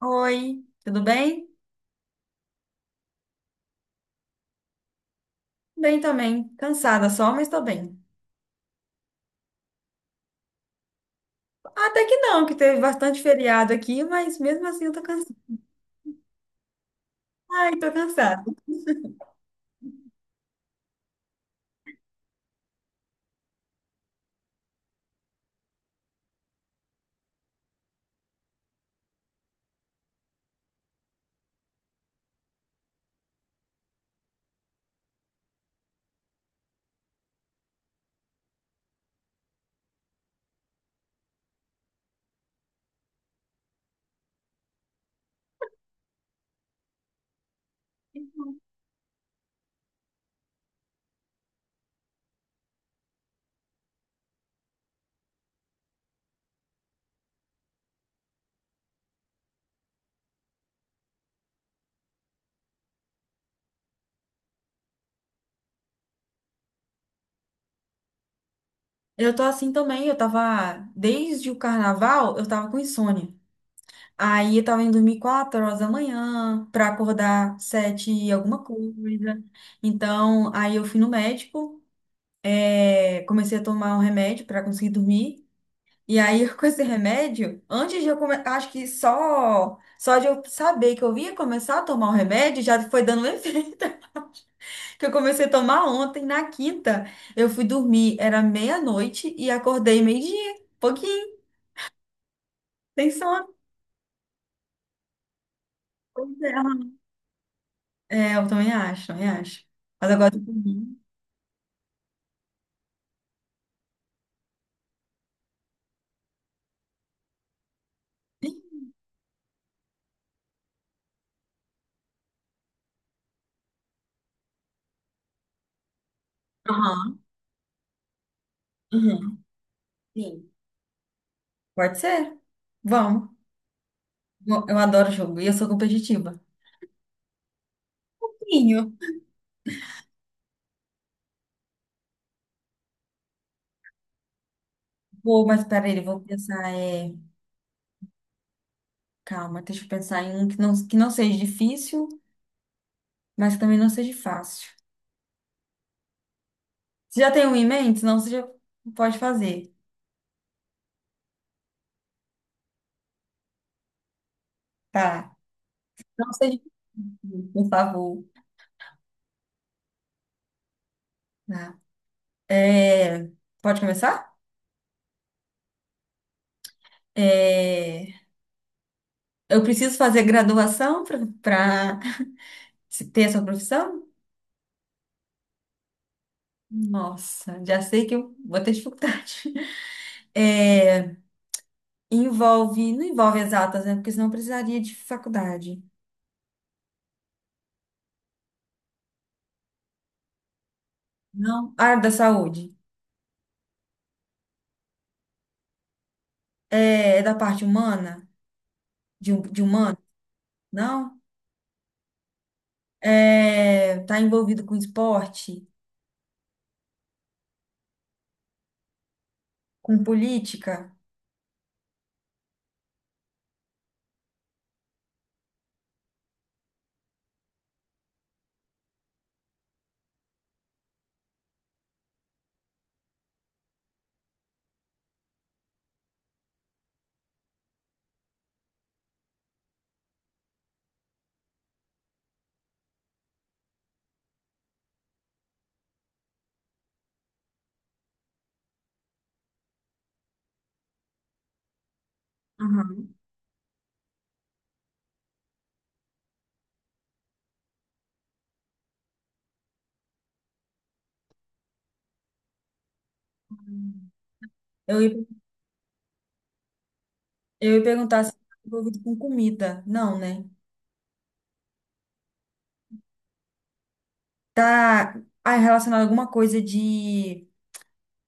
Oi, tudo bem? Bem também. Cansada só, mas tô bem. Até que não, que teve bastante feriado aqui, mas mesmo assim eu tô cansada. Ai, tô cansada. Eu tô assim também, eu tava, desde o carnaval, eu tava com insônia. Aí eu tava indo dormir 4 horas da manhã, pra acordar 7 e alguma coisa. Então, aí eu fui no médico, comecei a tomar um remédio pra conseguir dormir. E aí, com esse remédio, antes de eu começar, acho que só de eu saber que eu ia começar a tomar o remédio, já foi dando um efeito, que eu comecei a tomar ontem, na quinta. Eu fui dormir, era meia-noite e acordei meio-dia, pouquinho, sem sono. Pois é, é, eu também acho, também acho. Mas agora eu tô dormindo. Aham, uhum. Sim. Pode ser? Vamos. Eu adoro jogo e eu sou competitiva. Sim, eu vou, mas peraí, eu vou pensar. Calma, deixa eu pensar em um que não seja difícil, mas que também não seja fácil. Você já tem um em mente? Senão você já pode fazer. Tá. Não seja difícil, por favor. Tá. É, pode começar? É, eu preciso fazer graduação para ter essa profissão? Nossa, já sei que eu vou ter dificuldade. É, envolve, não envolve exatas, né? Porque senão eu precisaria de faculdade. Não. Área da saúde. É, é da parte humana? De de humano, não? É, tá envolvido com esporte, com política? Aham. Eu, ia- eu ia perguntar se tá envolvido com comida. Não, né? Tá, relacionado a alguma coisa de,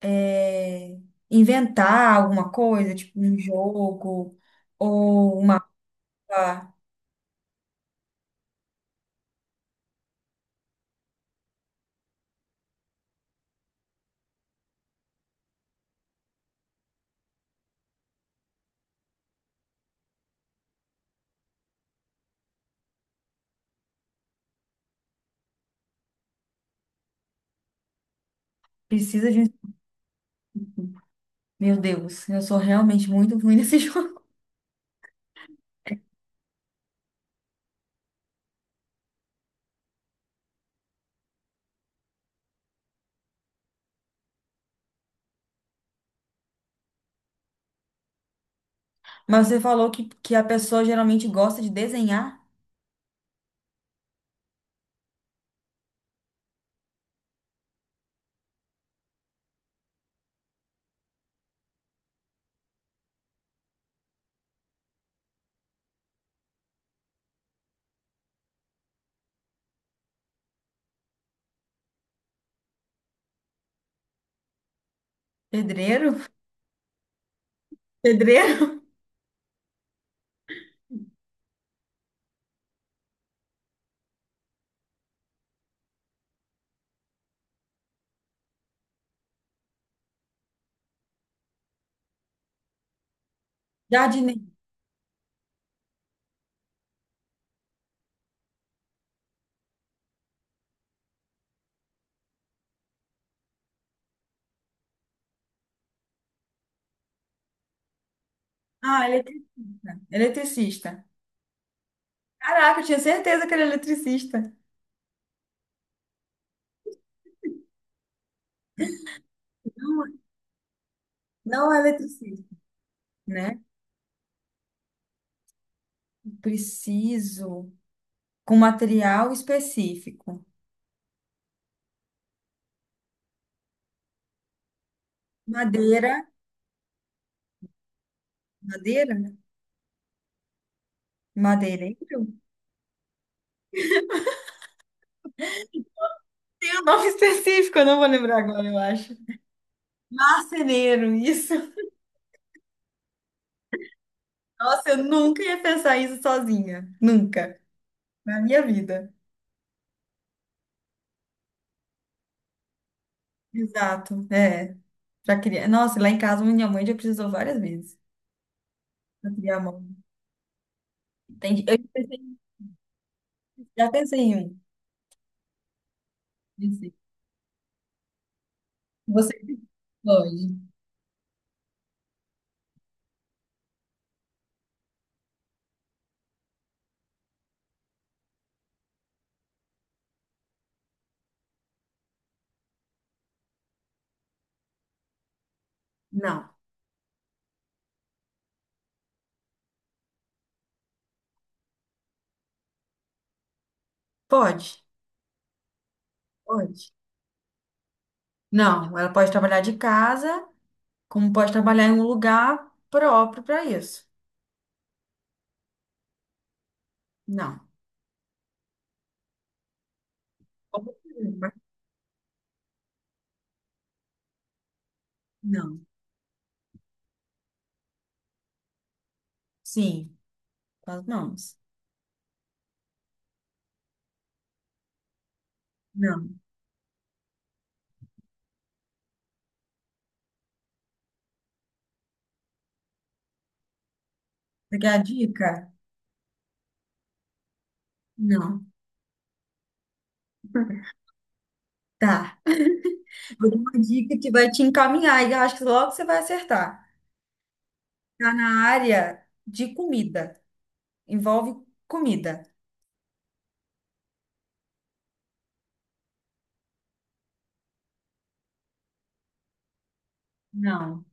é, inventar alguma coisa, tipo um jogo ou uma. ah, Precisa de um. Meu Deus, eu sou realmente muito ruim nesse jogo. Mas você falou que a pessoa geralmente gosta de desenhar. Pedreiro? Pedreiro? Jardineiro. Ah, eletricista. Caraca, eu tinha certeza que era eletricista. Não é eletricista. Né? Preciso com material específico. Madeira, madeira, né? Madeireiro? Tem um nome específico, eu não vou lembrar agora, eu acho. Marceneiro, isso. Nossa, eu nunca ia pensar isso sozinha, nunca, na minha vida. Exato, é. Pra criar. Nossa, lá em casa minha mãe já precisou várias vezes pra criar a mão. Eu já pensei em um. Você pode. Não. Pode? Pode. Não, ela pode trabalhar de casa, como pode trabalhar em um lugar próprio para isso. Não. Não. Sim, com as mãos. Não. Você quer a dica? Não. Tá. Vou dar uma dica que vai te encaminhar e eu acho que logo você vai acertar. Tá na área de comida. Envolve comida. Não.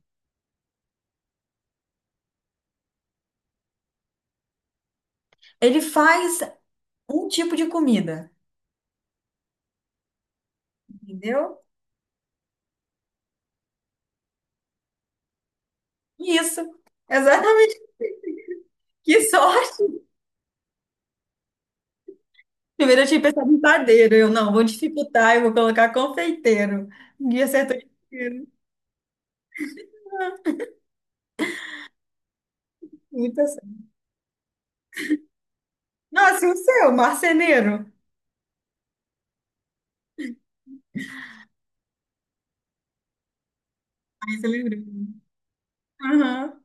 Ele faz um tipo de comida, entendeu? Isso. Exatamente. Que sorte! Primeiro eu tinha pensado em padeiro. Eu, não, vou dificultar, eu vou colocar confeiteiro. E acertou inteiro. Muita sorte. Nossa, e o seu, marceneiro? Aí você lembrou. Aham.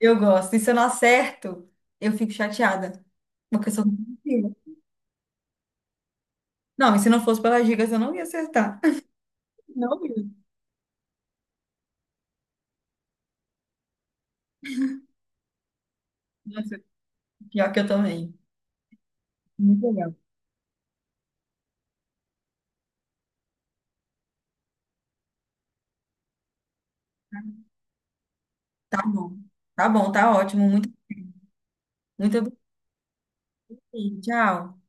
Eu gosto. E se eu não acerto, eu fico chateada. Porque eu sou muito criativa. Não, e se não fosse pelas dicas, eu não ia acertar. Não, ia. Nossa, pior que eu também. Muito legal. Tá bom. Tá bom, tá ótimo. Muito, muito obrigada. Tchau.